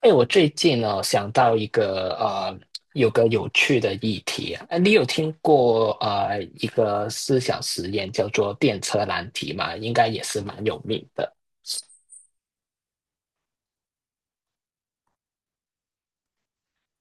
哎，我最近呢想到有个有趣的议题啊，你有听过一个思想实验叫做电车难题吗？应该也是蛮有名的。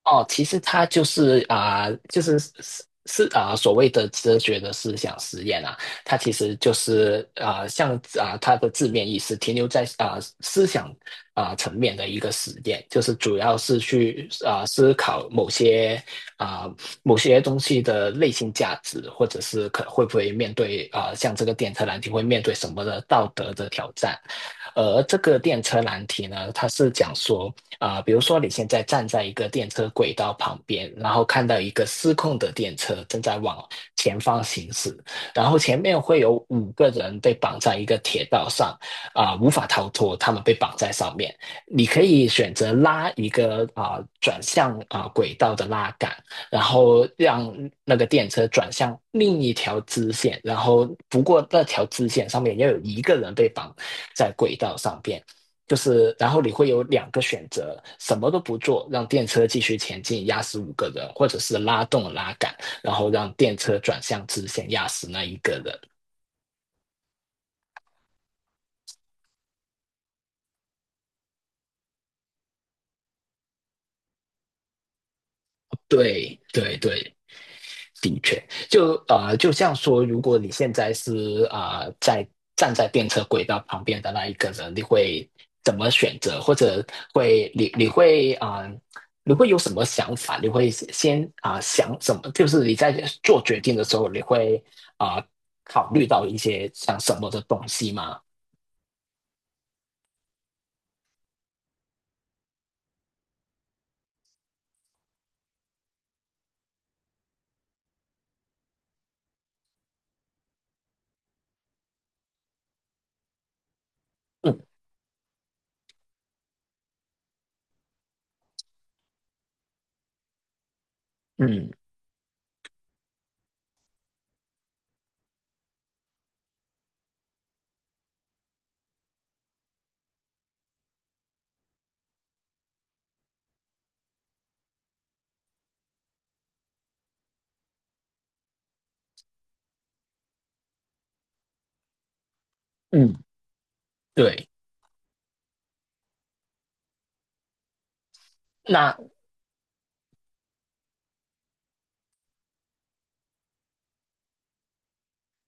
哦，其实它就是所谓的哲学的思想实验啊，它其实就是像它的字面意思停留在思想层面的一个实验，就是主要是去思考某些啊、某些东西的内心价值，或者是可会不会面对像这个电车难题会面对什么的道德的挑战。而这个电车难题呢，它是讲说，比如说你现在站在一个电车轨道旁边，然后看到一个失控的电车正在往前方行驶，然后前面会有五个人被绑在一个铁道上，无法逃脱，他们被绑在上面。你可以选择拉一个转向轨道的拉杆，然后让那个电车转向另一条支线，然后不过那条支线上面要有一个人被绑在轨道上边。就是然后你会有两个选择，什么都不做，让电车继续前进，压死五个人，或者是拉动拉杆，然后让电车转向直线，压死那一个人。对对对，的确，就像说，如果你现在是啊、呃在站在电车轨道旁边的那一个人，你会怎么选择？或者会你你会啊、呃你会有什么想法？你会先想什么？就是你在做决定的时候，你会啊、呃考虑到一些像什么的东西吗？嗯嗯嗯，对。那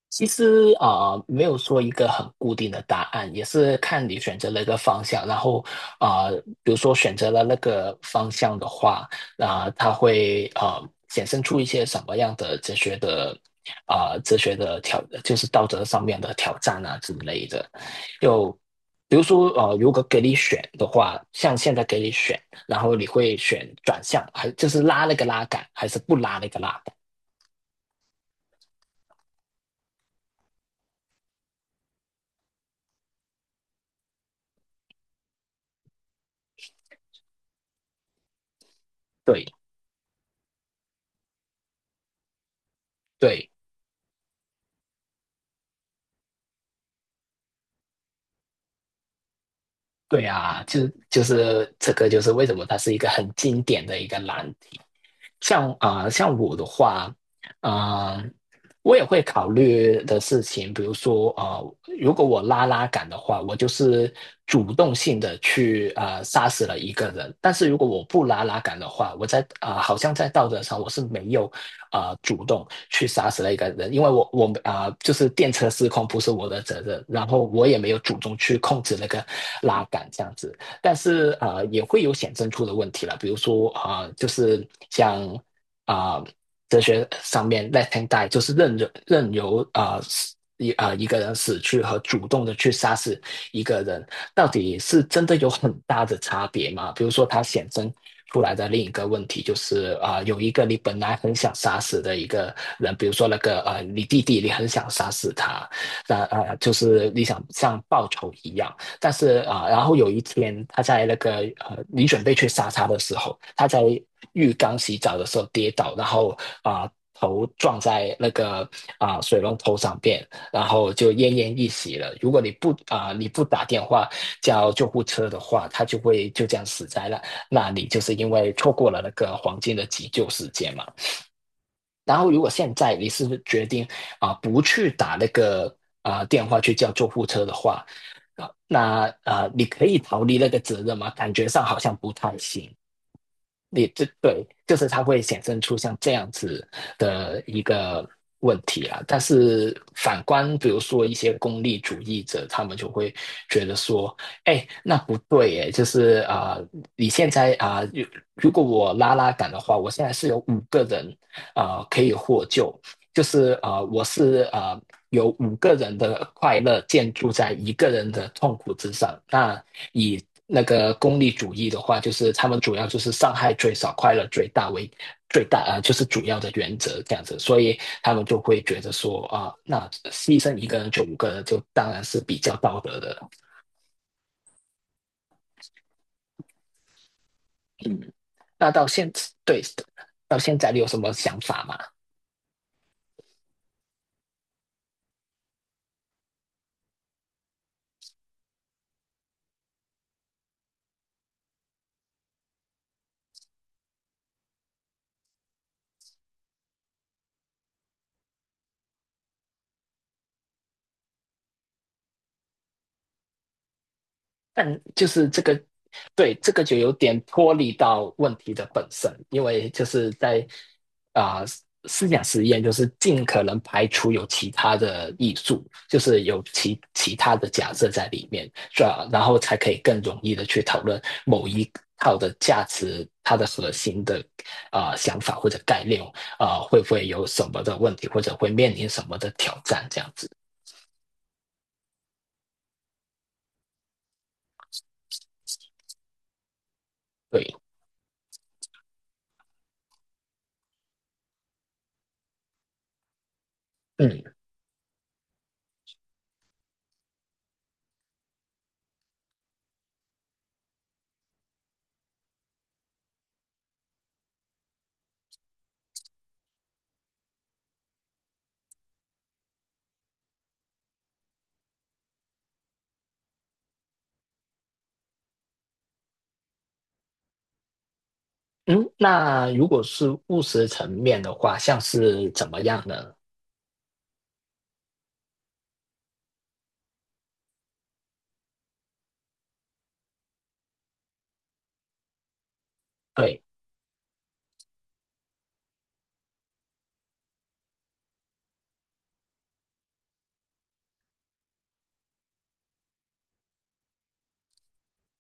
其实没有说一个很固定的答案，也是看你选择了一个方向。然后啊、呃比如说选择了那个方向的话，它会衍生出一些什么样的哲学的哲学的挑，就是道德上面的挑战啊之类的。就比如说如果给你选的话，像现在给你选，然后你会选转向，还就是拉那个拉杆，还是不拉那个拉杆？对对。对啊，就是这个，就是为什么它是一个很经典的一个难题。像我的话，啊、我也会考虑的事情。比如说啊，如果我拉拉杆的话，我就是主动性的去杀死了一个人。但是如果我不拉拉杆的话，我在好像在道德上我是没有主动去杀死了一个人，因为我就是电车失控不是我的责任，然后我也没有主动去控制那个拉杆这样子。但是也会有显现出的问题了，比如说就是像啊、呃哲学上面 let him die，就是任由啊。死一啊、呃一个人死去和主动的去杀死一个人，到底是真的有很大的差别吗？比如说，它显生出来的另一个问题就是有一个你本来很想杀死的一个人，比如说那个你弟弟，你很想杀死他，那就是你想像报仇一样。但是然后有一天他在那个你准备去杀他的时候，他在浴缸洗澡的时候跌倒，然后啊、头撞在那个水龙头上边，然后就奄奄一息了。如果你不打电话叫救护车的话，他就会就这样死在了。那你就是因为错过了那个黄金的急救时间嘛。然后，如果现在你是决定不去打那个电话去叫救护车的话，那你可以逃离那个责任吗？感觉上好像不太行。对，就是它会显现出像这样子的一个问题啦。但是反观，比如说一些功利主义者，他们就会觉得说，哎，那不对，哎，就是你现在如果我拉拉杆的话，我现在是有五个人可以获救，就是啊、呃我是啊、有五个人的快乐建筑在一个人的痛苦之上。那以那个功利主义的话，就是他们主要就是伤害最少，快乐最大为最大就是主要的原则这样子。所以他们就会觉得说那牺牲一个人就五个人，就当然是比较道德的。嗯，那对，到现在你有什么想法吗？但就是这个，对，这个就有点脱离到问题的本身，因为就是在啊、呃思想实验，就是尽可能排除有其他的艺术，就是有其他的假设在里面，是吧？然后才可以更容易的去讨论某一套的价值，它的核心的想法或者概念会不会有什么的问题，或者会面临什么的挑战，这样子。对，嗯。嗯，那如果是务实层面的话，像是怎么样呢？对，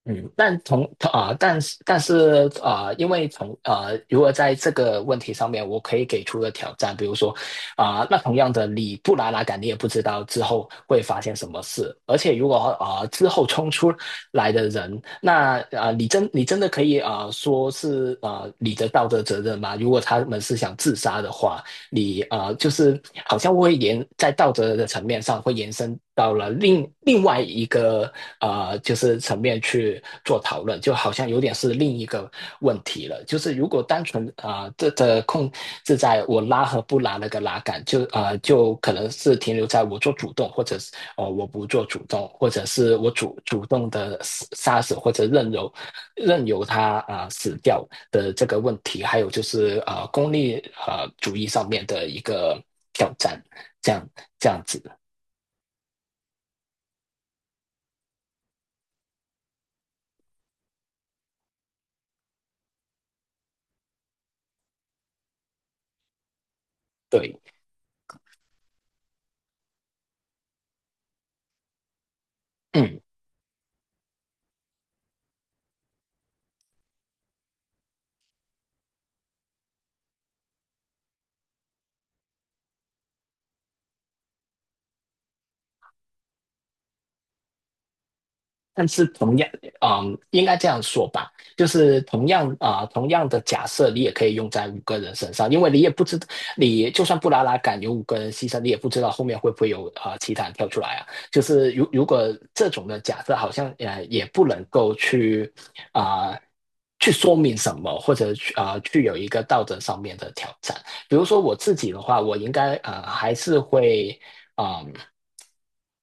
嗯，但从啊、但是但是啊、因为从啊、如果在这个问题上面，我可以给出的挑战。比如说那同样的，你不拉拉杆，你也不知道之后会发生什么事，而且如果之后冲出来的人，那你真的可以说是你的道德责任吗？如果他们是想自杀的话，你就是好像会延在道德的层面上会延伸到了另外一个就是层面去做讨论，就好像有点是另一个问题了。就是如果单纯这的控制在我拉和不拉那个拉杆，就可能是停留在我做主动，或者是我不做主动，或者是我主动的杀死或者任由他死掉的这个问题，还有就是功利主义上面的一个挑战，这样这样子。对，嗯。但是同样，嗯，应该这样说吧，就是同样的假设，你也可以用在五个人身上，因为你也不知道，你就算布拉拉敢有五个人牺牲，你也不知道后面会不会有其他人跳出来啊。就是如果这种的假设，好像也不能够去啊、呃去说明什么，或者去去有一个道德上面的挑战。比如说我自己的话，我应该还是会啊嗯，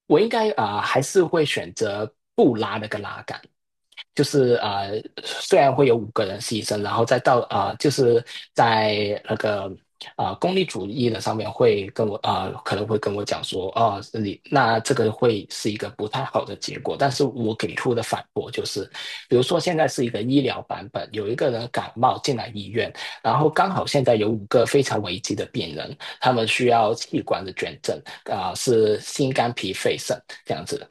我应该还是会选择不拉那个拉杆。就是虽然会有五个人牺牲，然后再到就是在那个功利主义的上面会跟我可能会跟我讲说，哦，你那这个会是一个不太好的结果。但是我给出的反驳就是，比如说现在是一个医疗版本，有一个人感冒进来医院，然后刚好现在有五个非常危急的病人，他们需要器官的捐赠，是心肝脾肺肾这样子。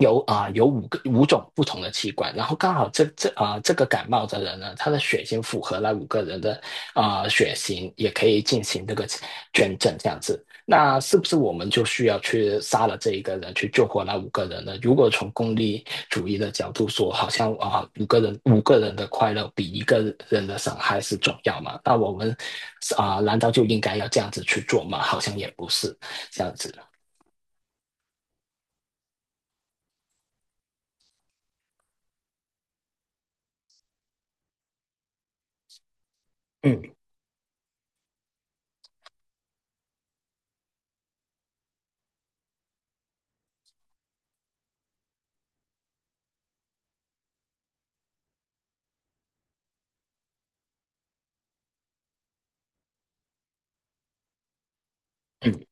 有有五种不同的器官，然后刚好这个感冒的人呢，他的血型符合那五个人的血型，也可以进行这个捐赠这样子。那是不是我们就需要去杀了这一个人，去救活那五个人呢？如果从功利主义的角度说，好像五个人的快乐比一个人的伤害是重要嘛？那我们难道就应该要这样子去做吗？好像也不是这样子。嗯嗯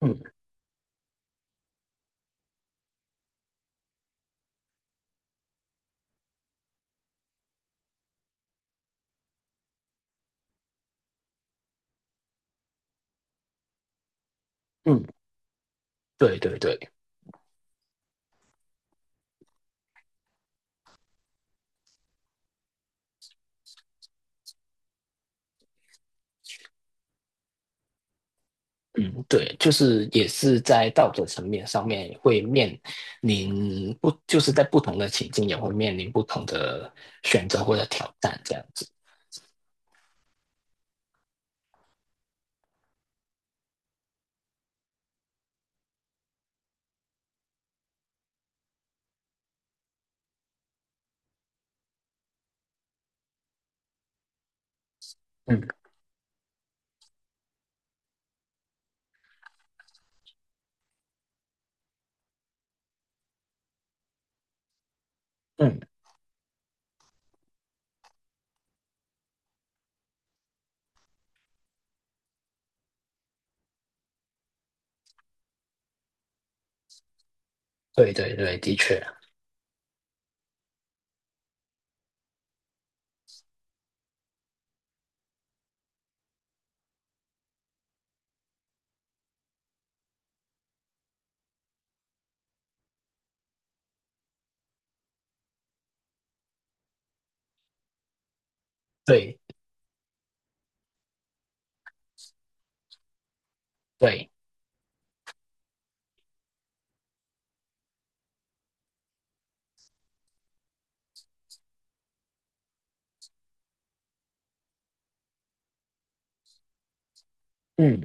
嗯嗯，对对对。嗯，对，就是也是在道德层面上面会面临不，就是在不同的情境也会面临不同的选择或者挑战这样子。嗯嗯，对对对，的确，对对，嗯。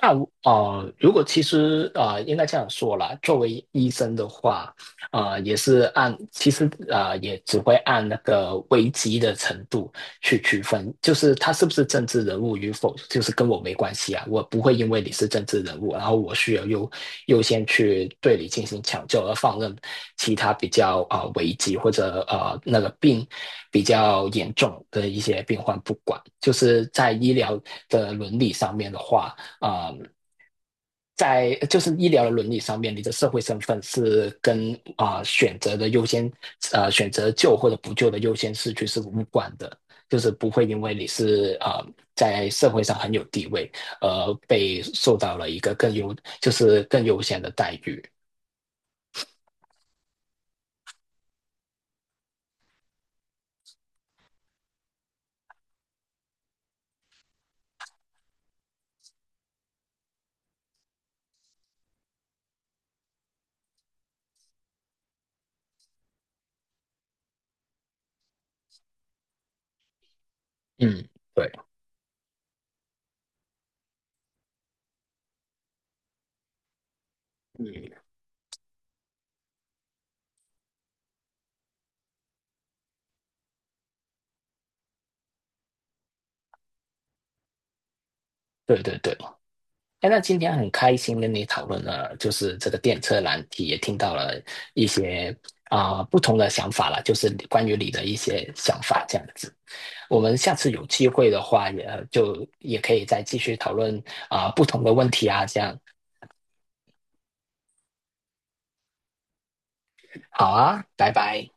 那我其实应该这样说啦，作为医生的话，也是其实也只会按那个危机的程度去区分。就是他是不是政治人物与否，就是跟我没关系啊，我不会因为你是政治人物，然后我需要优先去对你进行抢救，而放任其他比较危机或者那个病比较严重的一些病患不管，就是在医疗的伦理上面的话。啊、呃在就是医疗的伦理上面，你的社会身份是跟选择的优先，选择救或者不救的优先次序是无关的，就是不会因为你是在社会上很有地位，而被受到了一个就是更优先的待遇。嗯，对，嗯，对对对。哎，那今天很开心跟你讨论了，就是这个电车难题，也听到了一些不同的想法了，就是关于你的一些想法这样子。我们下次有机会的话也，就也可以再继续讨论不同的问题啊，这样。好啊，拜拜。